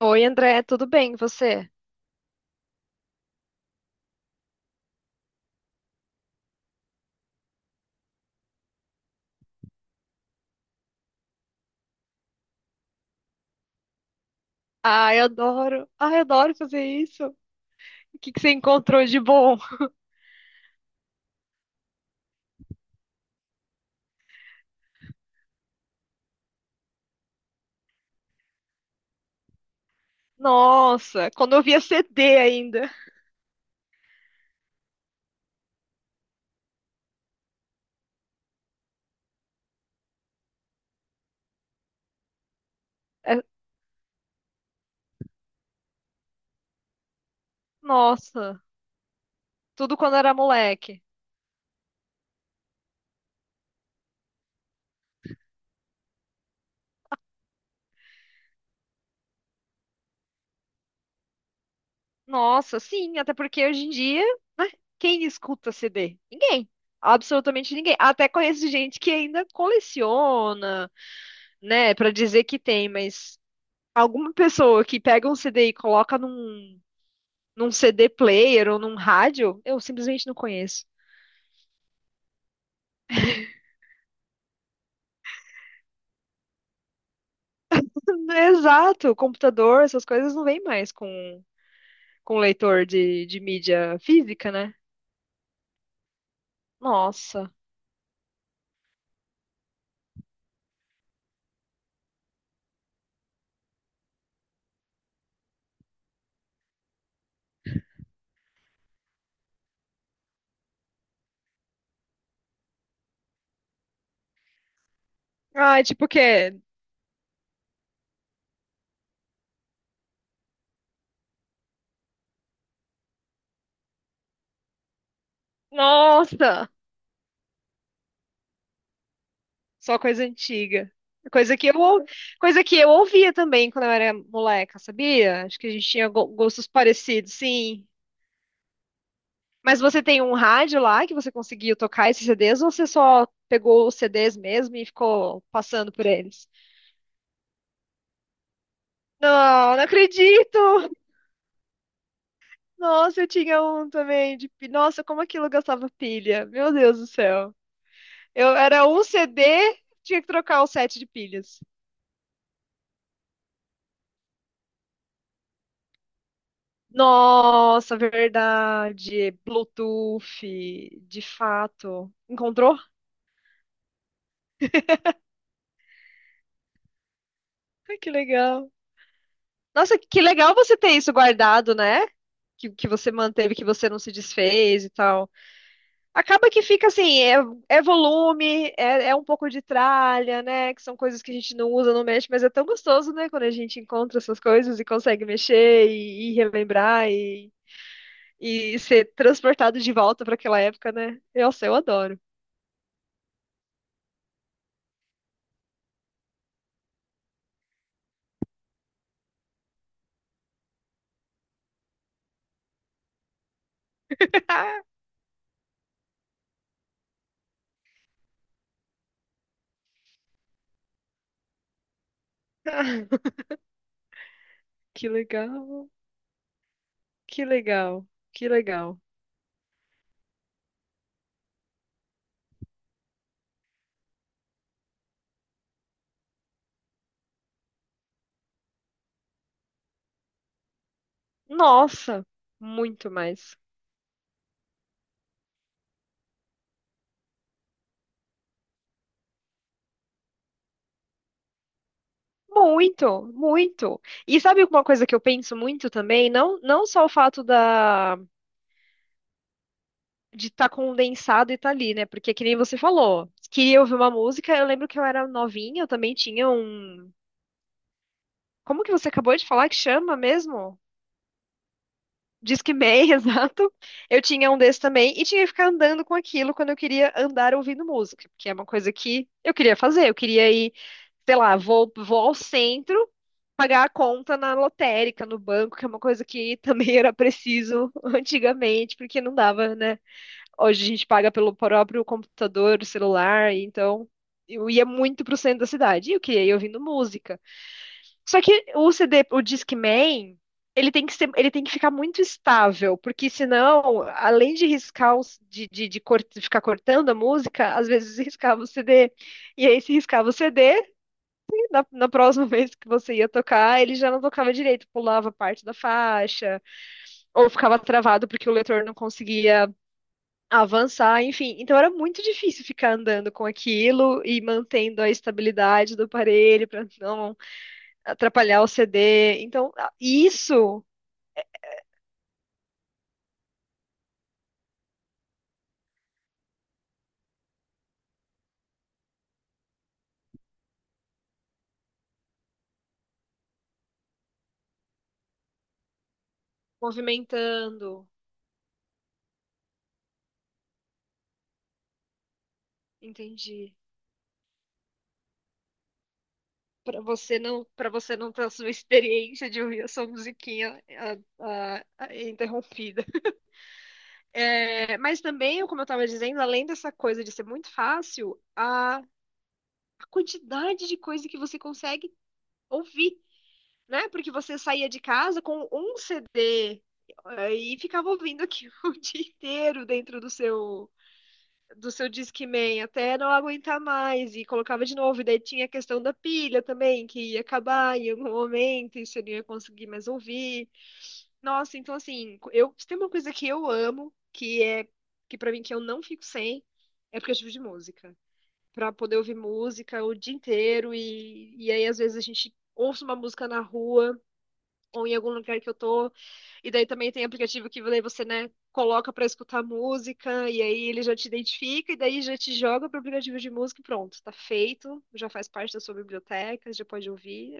Oi, André, tudo bem? E você? Ai, adoro. Ai, adoro fazer isso. O que que você encontrou de bom? Nossa, quando eu via CD ainda. É, nossa, tudo quando era moleque. Nossa, sim, até porque hoje em dia, quem escuta CD? Ninguém. Absolutamente ninguém. Até conheço gente que ainda coleciona, né, pra dizer que tem, mas alguma pessoa que pega um CD e coloca num CD player ou num rádio, eu simplesmente não conheço. Exato, computador, essas coisas não vêm mais com leitor de mídia física, né? Nossa. Ai, tipo o quê? Nossa! Só coisa antiga. Coisa que eu, ou- Coisa que eu ouvia também quando eu era moleca, sabia? Acho que a gente tinha gostos parecidos, sim. Mas você tem um rádio lá que você conseguiu tocar esses CDs ou você só pegou os CDs mesmo e ficou passando por eles? Não, não acredito! Nossa, eu tinha um também. Nossa, como aquilo gastava pilha. Meu Deus do céu. Eu era um CD, tinha que trocar o set de pilhas. Nossa, verdade. Bluetooth, de fato. Encontrou? Ai, que legal. Nossa, que legal você ter isso guardado, né? Que você manteve, que você não se desfez e tal. Acaba que fica assim, é volume, é um pouco de tralha, né? Que são coisas que a gente não usa, não mexe, mas é tão gostoso, né? Quando a gente encontra essas coisas e consegue mexer e relembrar e ser transportado de volta para aquela época, né? Nossa, eu adoro. Que legal, que legal, que legal. Nossa, muito mais. Muito, muito. E sabe uma coisa que eu penso muito também? Não, não só o fato da de estar condensado e tá ali, né? Porque que nem você falou, queria ouvir uma música, eu lembro que eu era novinha, eu também tinha um. Como que você acabou de falar que chama mesmo? Discman, exato. Eu tinha um desse também e tinha que ficar andando com aquilo quando eu queria andar ouvindo música, porque é uma coisa que eu queria fazer. Eu queria ir, sei lá, vou ao centro pagar a conta na lotérica, no banco, que é uma coisa que também era preciso antigamente, porque não dava, né? Hoje a gente paga pelo próprio computador, celular, então eu ia muito pro centro da cidade. E o que? Eu ia ouvindo música. Só que o CD, o Discman, ele tem que ficar muito estável, porque senão, além de riscar, ficar cortando a música, às vezes riscava o CD. E aí, se riscava o CD, na próxima vez que você ia tocar, ele já não tocava direito, pulava parte da faixa, ou ficava travado porque o leitor não conseguia avançar, enfim. Então era muito difícil ficar andando com aquilo e mantendo a estabilidade do aparelho para não atrapalhar o CD. Então, isso movimentando, entendi. Para você não ter a sua experiência de ouvir a sua musiquinha interrompida. É, mas também, como eu estava dizendo, além dessa coisa de ser muito fácil, a quantidade de coisa que você consegue ouvir. Né? Porque você saía de casa com um CD, e ficava ouvindo aquilo o dia inteiro dentro do seu Discman até não aguentar mais e colocava de novo. E daí tinha a questão da pilha também, que ia acabar em algum momento e você não ia conseguir mais ouvir. Nossa, então assim, eu se tem uma coisa que eu amo, que é que para mim que eu não fico sem, é aplicativo de música. Pra poder ouvir música o dia inteiro e aí às vezes a gente ouça uma música na rua ou em algum lugar que eu tô. E daí também tem aplicativo que daí você, né, coloca pra escutar música e aí ele já te identifica e daí já te joga pro aplicativo de música e pronto, tá feito, já faz parte da sua biblioteca, já pode ouvir.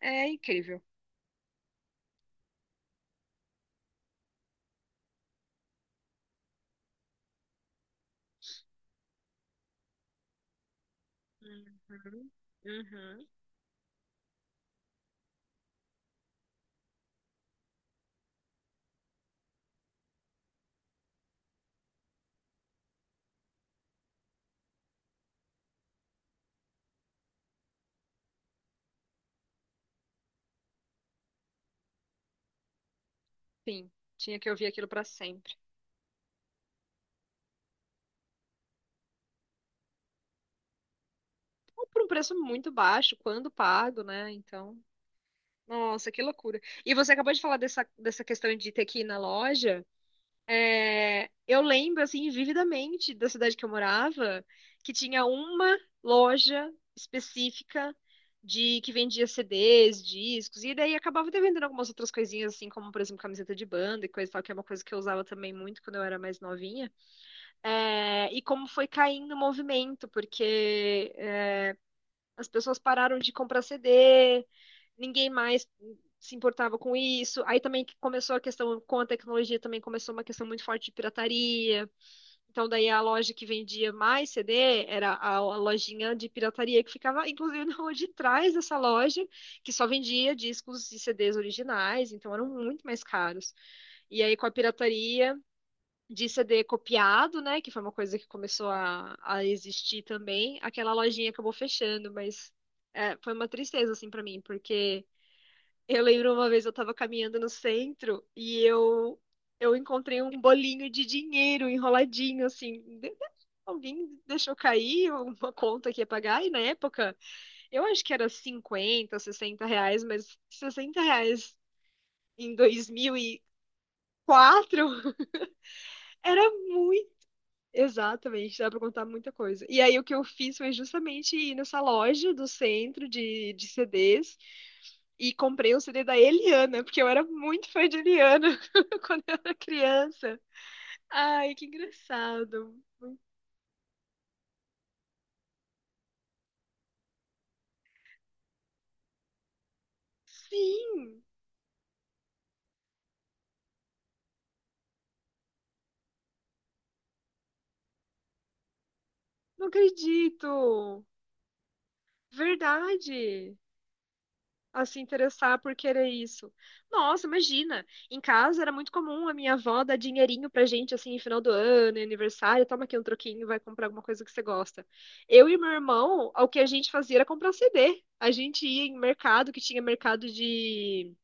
É, é incrível. Uhum. Uhum. Sim, tinha que ouvir aquilo pra sempre. Ou por um preço muito baixo, quando pago, né? Então, nossa, que loucura. E você acabou de falar dessa questão de ter que ir na loja. É, eu lembro, assim, vividamente da cidade que eu morava, que tinha uma loja específica de que vendia CDs, discos, e daí acabava até vendendo algumas outras coisinhas, assim, como, por exemplo, camiseta de banda e coisa e tal, que é uma coisa que eu usava também muito quando eu era mais novinha. É, e como foi caindo o movimento, porque é, as pessoas pararam de comprar CD, ninguém mais se importava com isso. Aí também que começou a questão, com a tecnologia também começou uma questão muito forte de pirataria. Então, daí a loja que vendia mais CD era a lojinha de pirataria que ficava, inclusive, na rua de trás dessa loja, que só vendia discos e CDs originais, então eram muito mais caros. E aí, com a pirataria de CD copiado, né, que foi uma coisa que começou a existir também, aquela lojinha acabou fechando, mas é, foi uma tristeza, assim, para mim, porque eu lembro uma vez eu tava caminhando no centro e eu encontrei um bolinho de dinheiro enroladinho assim. Alguém deixou cair uma conta que ia pagar e na época eu acho que era 50, R$ 60, mas R$ 60 em 2004 era muito. Exatamente, dá pra contar muita coisa. E aí o que eu fiz foi justamente ir nessa loja do centro de CDs e comprei o CD da Eliana, porque eu era muito fã de Eliana quando eu era criança. Ai, que engraçado. Sim, não acredito. Verdade. A se interessar por querer isso. Nossa, imagina. Em casa era muito comum a minha avó dar dinheirinho pra gente, assim, em final do ano, em aniversário. Toma aqui um troquinho, vai comprar alguma coisa que você gosta. Eu e meu irmão, o que a gente fazia era comprar CD. A gente ia em mercado, que tinha mercado de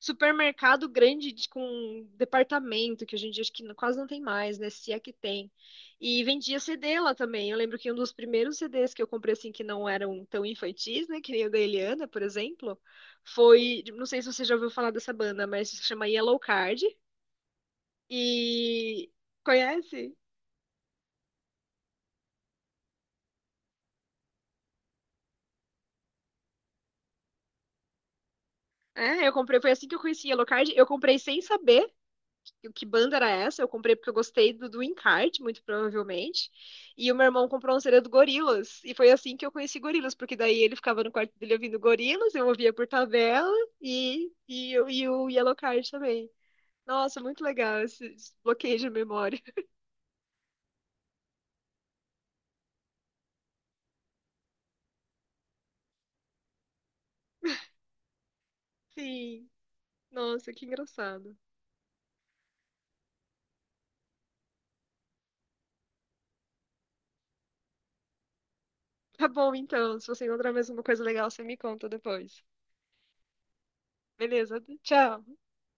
supermercado grande com departamento, que hoje em dia acho que quase não tem mais, né? Se é que tem. E vendia CD lá também. Eu lembro que um dos primeiros CDs que eu comprei, assim, que não eram tão infantis, né? Que nem o da Eliana, por exemplo, foi. Não sei se você já ouviu falar dessa banda, mas se chama Yellow Card. E. Conhece? É, eu comprei, foi assim que eu conheci Yellow Card. Eu comprei sem saber, que banda era essa? Eu comprei porque eu gostei do encarte, muito provavelmente. E o meu irmão comprou um CD do Gorilas. E foi assim que eu conheci Gorilas, porque daí ele ficava no quarto dele ouvindo Gorilas, eu ouvia por tabela e o Yellowcard também. Nossa, muito legal esse bloqueio de memória. Sim, nossa, que engraçado. Tá bom, então. Se você encontrar mais uma coisa legal, você me conta depois. Beleza, tchau.